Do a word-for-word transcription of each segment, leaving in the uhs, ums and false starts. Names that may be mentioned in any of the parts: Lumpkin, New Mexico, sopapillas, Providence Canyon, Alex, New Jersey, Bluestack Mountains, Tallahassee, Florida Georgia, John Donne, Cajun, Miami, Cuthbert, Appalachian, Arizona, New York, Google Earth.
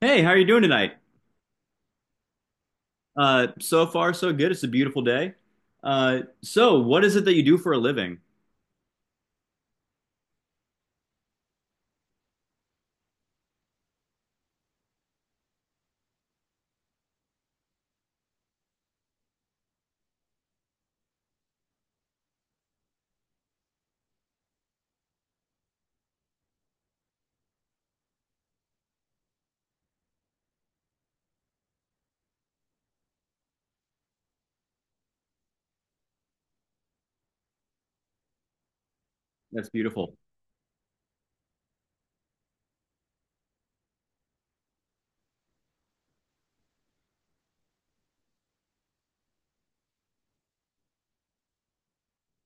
Hey, how are you doing tonight? Uh, so far, so good. It's a beautiful day. Uh, so what is it that you do for a living? That's beautiful.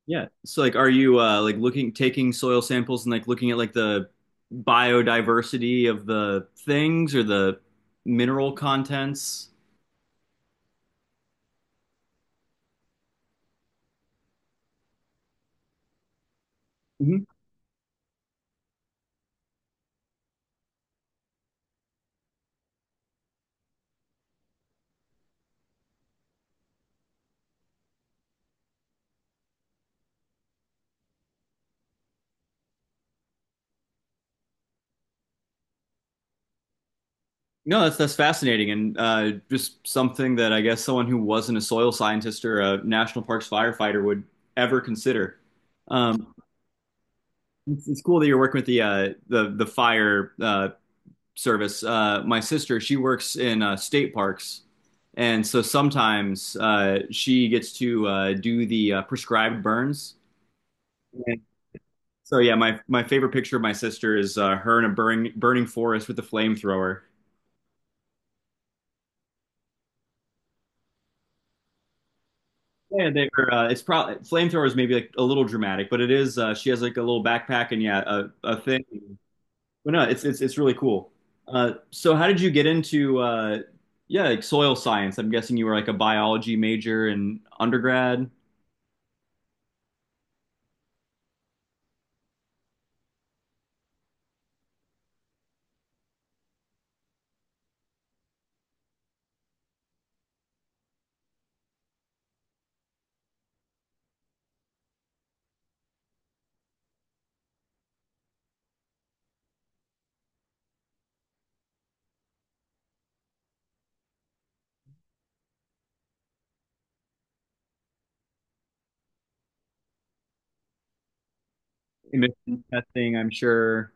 Yeah. So like, are you uh, like looking, taking soil samples and like looking at like the biodiversity of the things or the mineral contents? hmm No, that's that's fascinating and uh, just something that I guess someone who wasn't a soil scientist or a national parks firefighter would ever consider. Um, it's, it's cool that you're working with the uh, the the fire uh, service. Uh, my sister, she works in uh, state parks, and so sometimes uh, she gets to uh, do the uh, prescribed burns. And so yeah, my my favorite picture of my sister is uh, her in a burning burning forest with a flamethrower. Yeah, they are. Uh, it's probably flamethrower is maybe like a little dramatic, but it is. Uh, she has like a little backpack and yeah, a, a thing. But no, it's it's it's really cool. Uh, so how did you get into uh, yeah, like soil science? I'm guessing you were like a biology major in undergrad. Emission testing, I'm sure.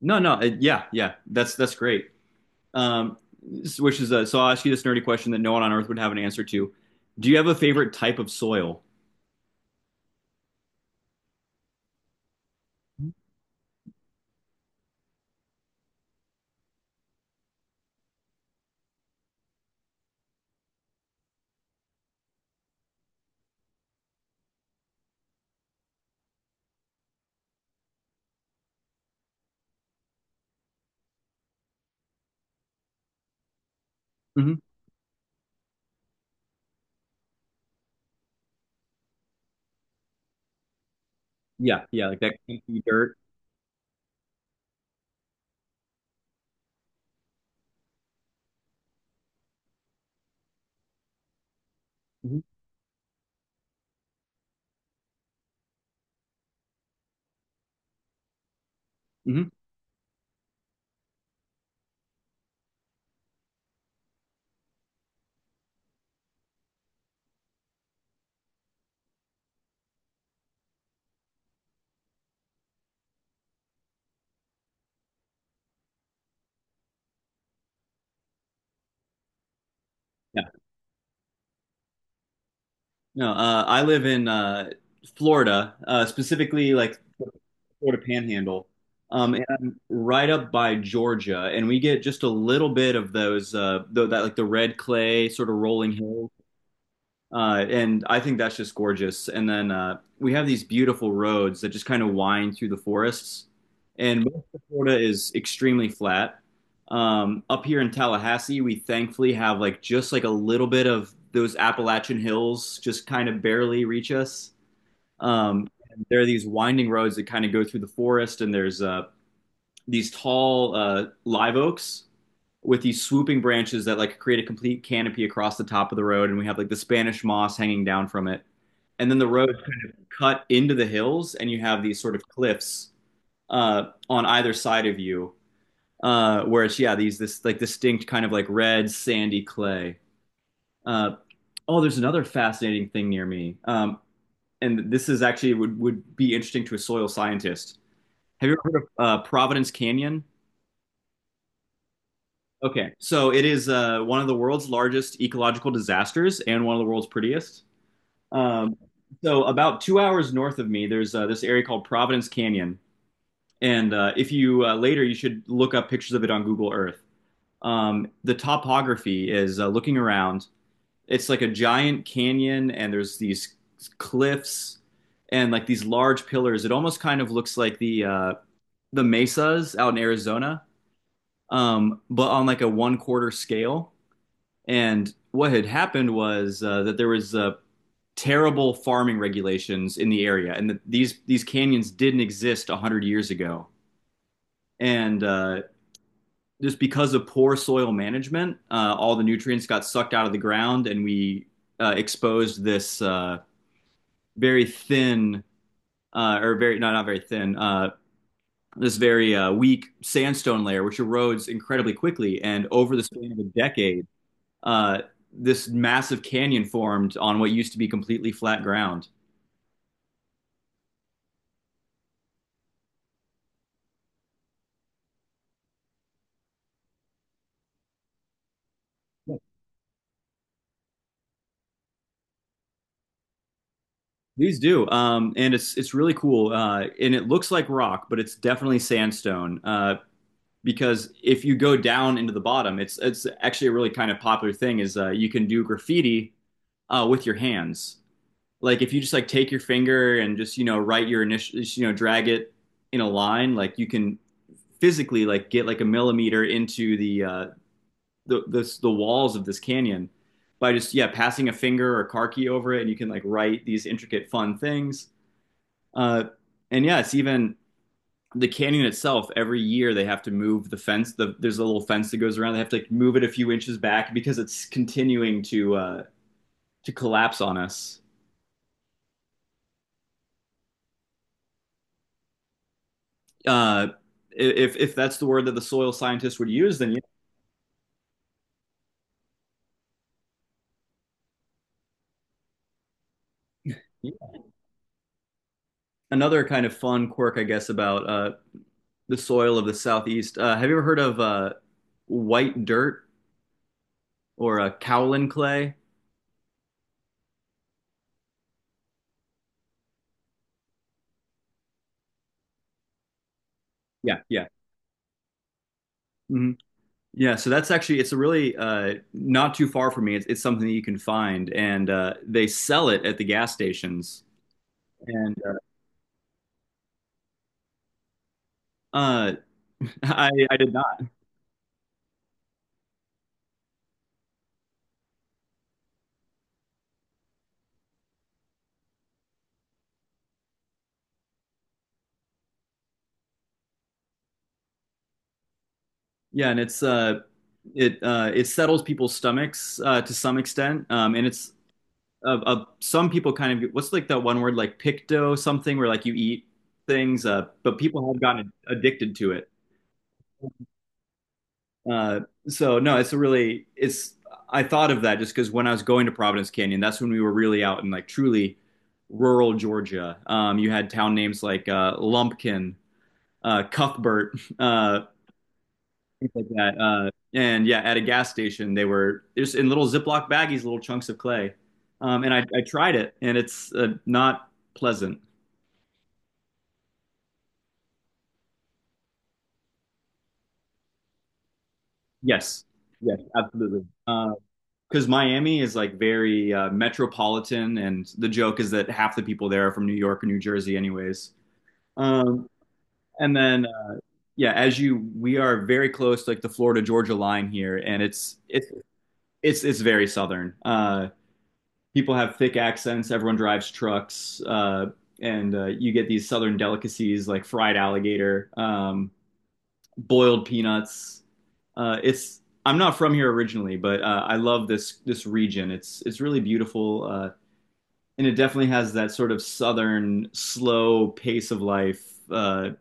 No, no, it, yeah, yeah, that's that's great. Um, which is a, so I'll ask you this nerdy question that no one on Earth would have an answer to. Do you have a favorite type of soil? hmm Yeah, yeah, like that kinky dirt. hmm hmm Yeah. No, uh, I live in uh, Florida, uh, specifically like the Florida Panhandle, um, and I'm right up by Georgia, and we get just a little bit of those uh, the, that like the red clay sort of rolling hills. Uh, and I think that's just gorgeous. And then uh, we have these beautiful roads that just kind of wind through the forests. And most of Florida is extremely flat. Um, up here in Tallahassee, we thankfully have like just like a little bit of those Appalachian hills just kind of barely reach us. Um, and there are these winding roads that kind of go through the forest, and there's uh, these tall uh, live oaks with these swooping branches that like create a complete canopy across the top of the road, and we have like the Spanish moss hanging down from it. And then the road kind of cut into the hills, and you have these sort of cliffs uh, on either side of you, uh, where it's yeah these this like distinct kind of like red sandy clay. Uh, oh, there's another fascinating thing near me, um, and this is actually would would be interesting to a soil scientist. Have you ever heard of uh, Providence Canyon? Okay, so it is uh, one of the world's largest ecological disasters and one of the world's prettiest. Um, so, about two hours north of me, there's uh, this area called Providence Canyon, and uh, if you uh, later, you should look up pictures of it on Google Earth. Um, the topography is uh, looking around. It's like a giant canyon, and there's these cliffs and like these large pillars. It almost kind of looks like the uh, the mesas out in Arizona, um, but on like a one quarter scale. And what had happened was uh, that there was uh, terrible farming regulations in the area, and that these these canyons didn't exist one hundred years ago. And uh, just because of poor soil management, uh, all the nutrients got sucked out of the ground, and we uh, exposed this uh, very thin, uh, or very no, not very thin, uh, this very uh, weak sandstone layer, which erodes incredibly quickly. And over the span of a decade uh, this massive canyon formed on what used to be completely flat ground. Please do, um, and it's it's really cool, uh, and it looks like rock, but it's definitely sandstone. Uh, because if you go down into the bottom, it's it's actually a really kind of popular thing is uh, you can do graffiti uh, with your hands. Like if you just like take your finger and just you know write your initial, you know drag it in a line, like you can physically like get like a millimeter into the uh, the this the walls of this canyon by just yeah passing a finger or karki over it, and you can like write these intricate fun things. Uh, and yeah, it's even the canyon itself. Every year they have to move the fence. The, there's a little fence that goes around. They have to like, move it a few inches back because it's continuing to uh, to collapse on us. Uh, if if that's the word that the soil scientists would use, then yeah. Another kind of fun quirk, I guess, about uh, the soil of the southeast. Uh, have you ever heard of uh, white dirt? Or a Cowlin clay. Yeah, yeah. hmm Yeah, so that's actually it's a really uh not too far from me. It's it's something that you can find and uh they sell it at the gas stations. And uh, uh I I did not. Yeah, and it's uh it uh it settles people's stomachs uh to some extent. Um and it's of uh, uh, some people kind of what's like that one word like picto something where like you eat things uh but people have gotten addicted to it. Uh, so no, it's a really it's I thought of that just because when I was going to Providence Canyon, that's when we were really out in like truly rural Georgia. Um, you had town names like uh, Lumpkin, uh, Cuthbert, uh, things like that. Uh, and yeah, at a gas station, they were just in little Ziploc baggies, little chunks of clay. Um, and I, I tried it, and it's uh, not pleasant. Yes, yes, absolutely. Uh, because Miami is like very uh, metropolitan, and the joke is that half the people there are from New York or New Jersey, anyways. Um, and then uh, yeah, as you, we are very close to like the Florida Georgia line here, and it's it's it's it's very southern. Uh, people have thick accents. Everyone drives trucks, uh, and uh, you get these southern delicacies like fried alligator, um, boiled peanuts. Uh, it's I'm not from here originally, but uh, I love this this region. It's it's really beautiful. Uh, and it definitely has that sort of southern slow pace of life. Uh,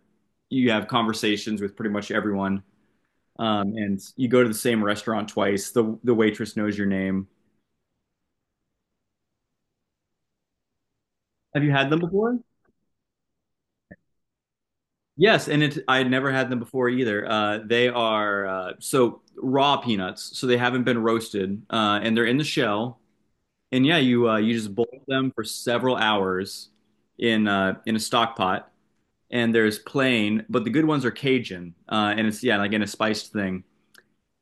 you have conversations with pretty much everyone, um, and you go to the same restaurant twice. The the waitress knows your name. Have you had them before? Yes, and it, I had never had them before either. Uh, they are uh, so raw peanuts, so they haven't been roasted, uh, and they're in the shell. And yeah, you uh, you just boil them for several hours in uh, in a stock pot, and there's plain, but the good ones are Cajun, uh, and it's yeah, again a spiced thing.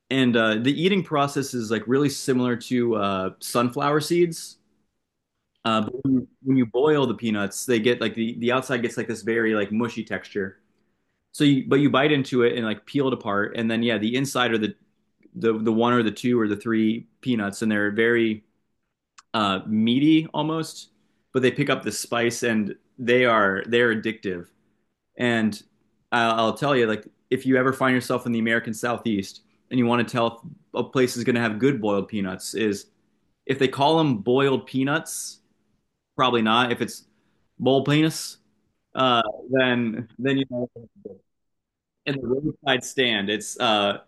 And uh, the eating process is like really similar to uh, sunflower seeds. Uh, but when you, when you boil the peanuts, they get like the, the outside gets like this very like mushy texture. So you but you bite into it and like peel it apart, and then yeah, the inside are the the the one or the two or the three peanuts, and they're very uh, meaty almost. But they pick up the spice, and they are they're addictive. And I'll tell you, like, if you ever find yourself in the American Southeast and you want to tell if a place is going to have good boiled peanuts, is if they call them boiled peanuts, probably not. If it's bowl penis, uh, then then you know. In the roadside stand, it's uh,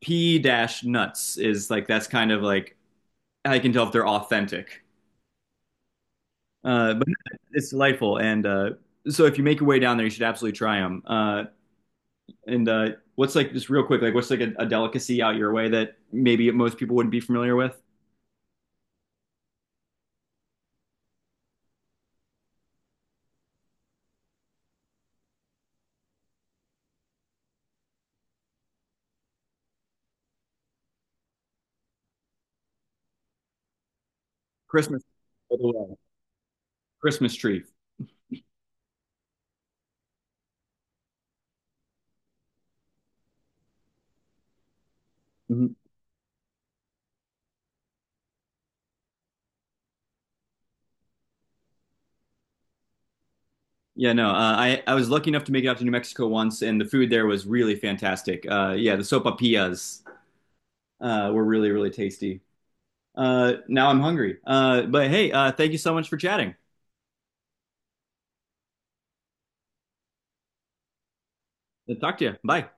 P dash nuts is like that's kind of like I can tell if they're authentic. Uh, but it's delightful, and uh, so if you make your way down there, you should absolutely try them. Uh, And uh, what's like just real quick, like what's like a, a delicacy out your way that maybe most people wouldn't be familiar with? Christmas, by the way. Christmas tree. Mhm. Yeah, no, uh, I I was lucky enough to make it out to New Mexico once, and the food there was really fantastic. Uh, yeah, the sopapillas uh, were really really tasty. Uh, now I'm hungry. Uh, but hey, uh, thank you so much for chatting. I'll talk to you. Bye.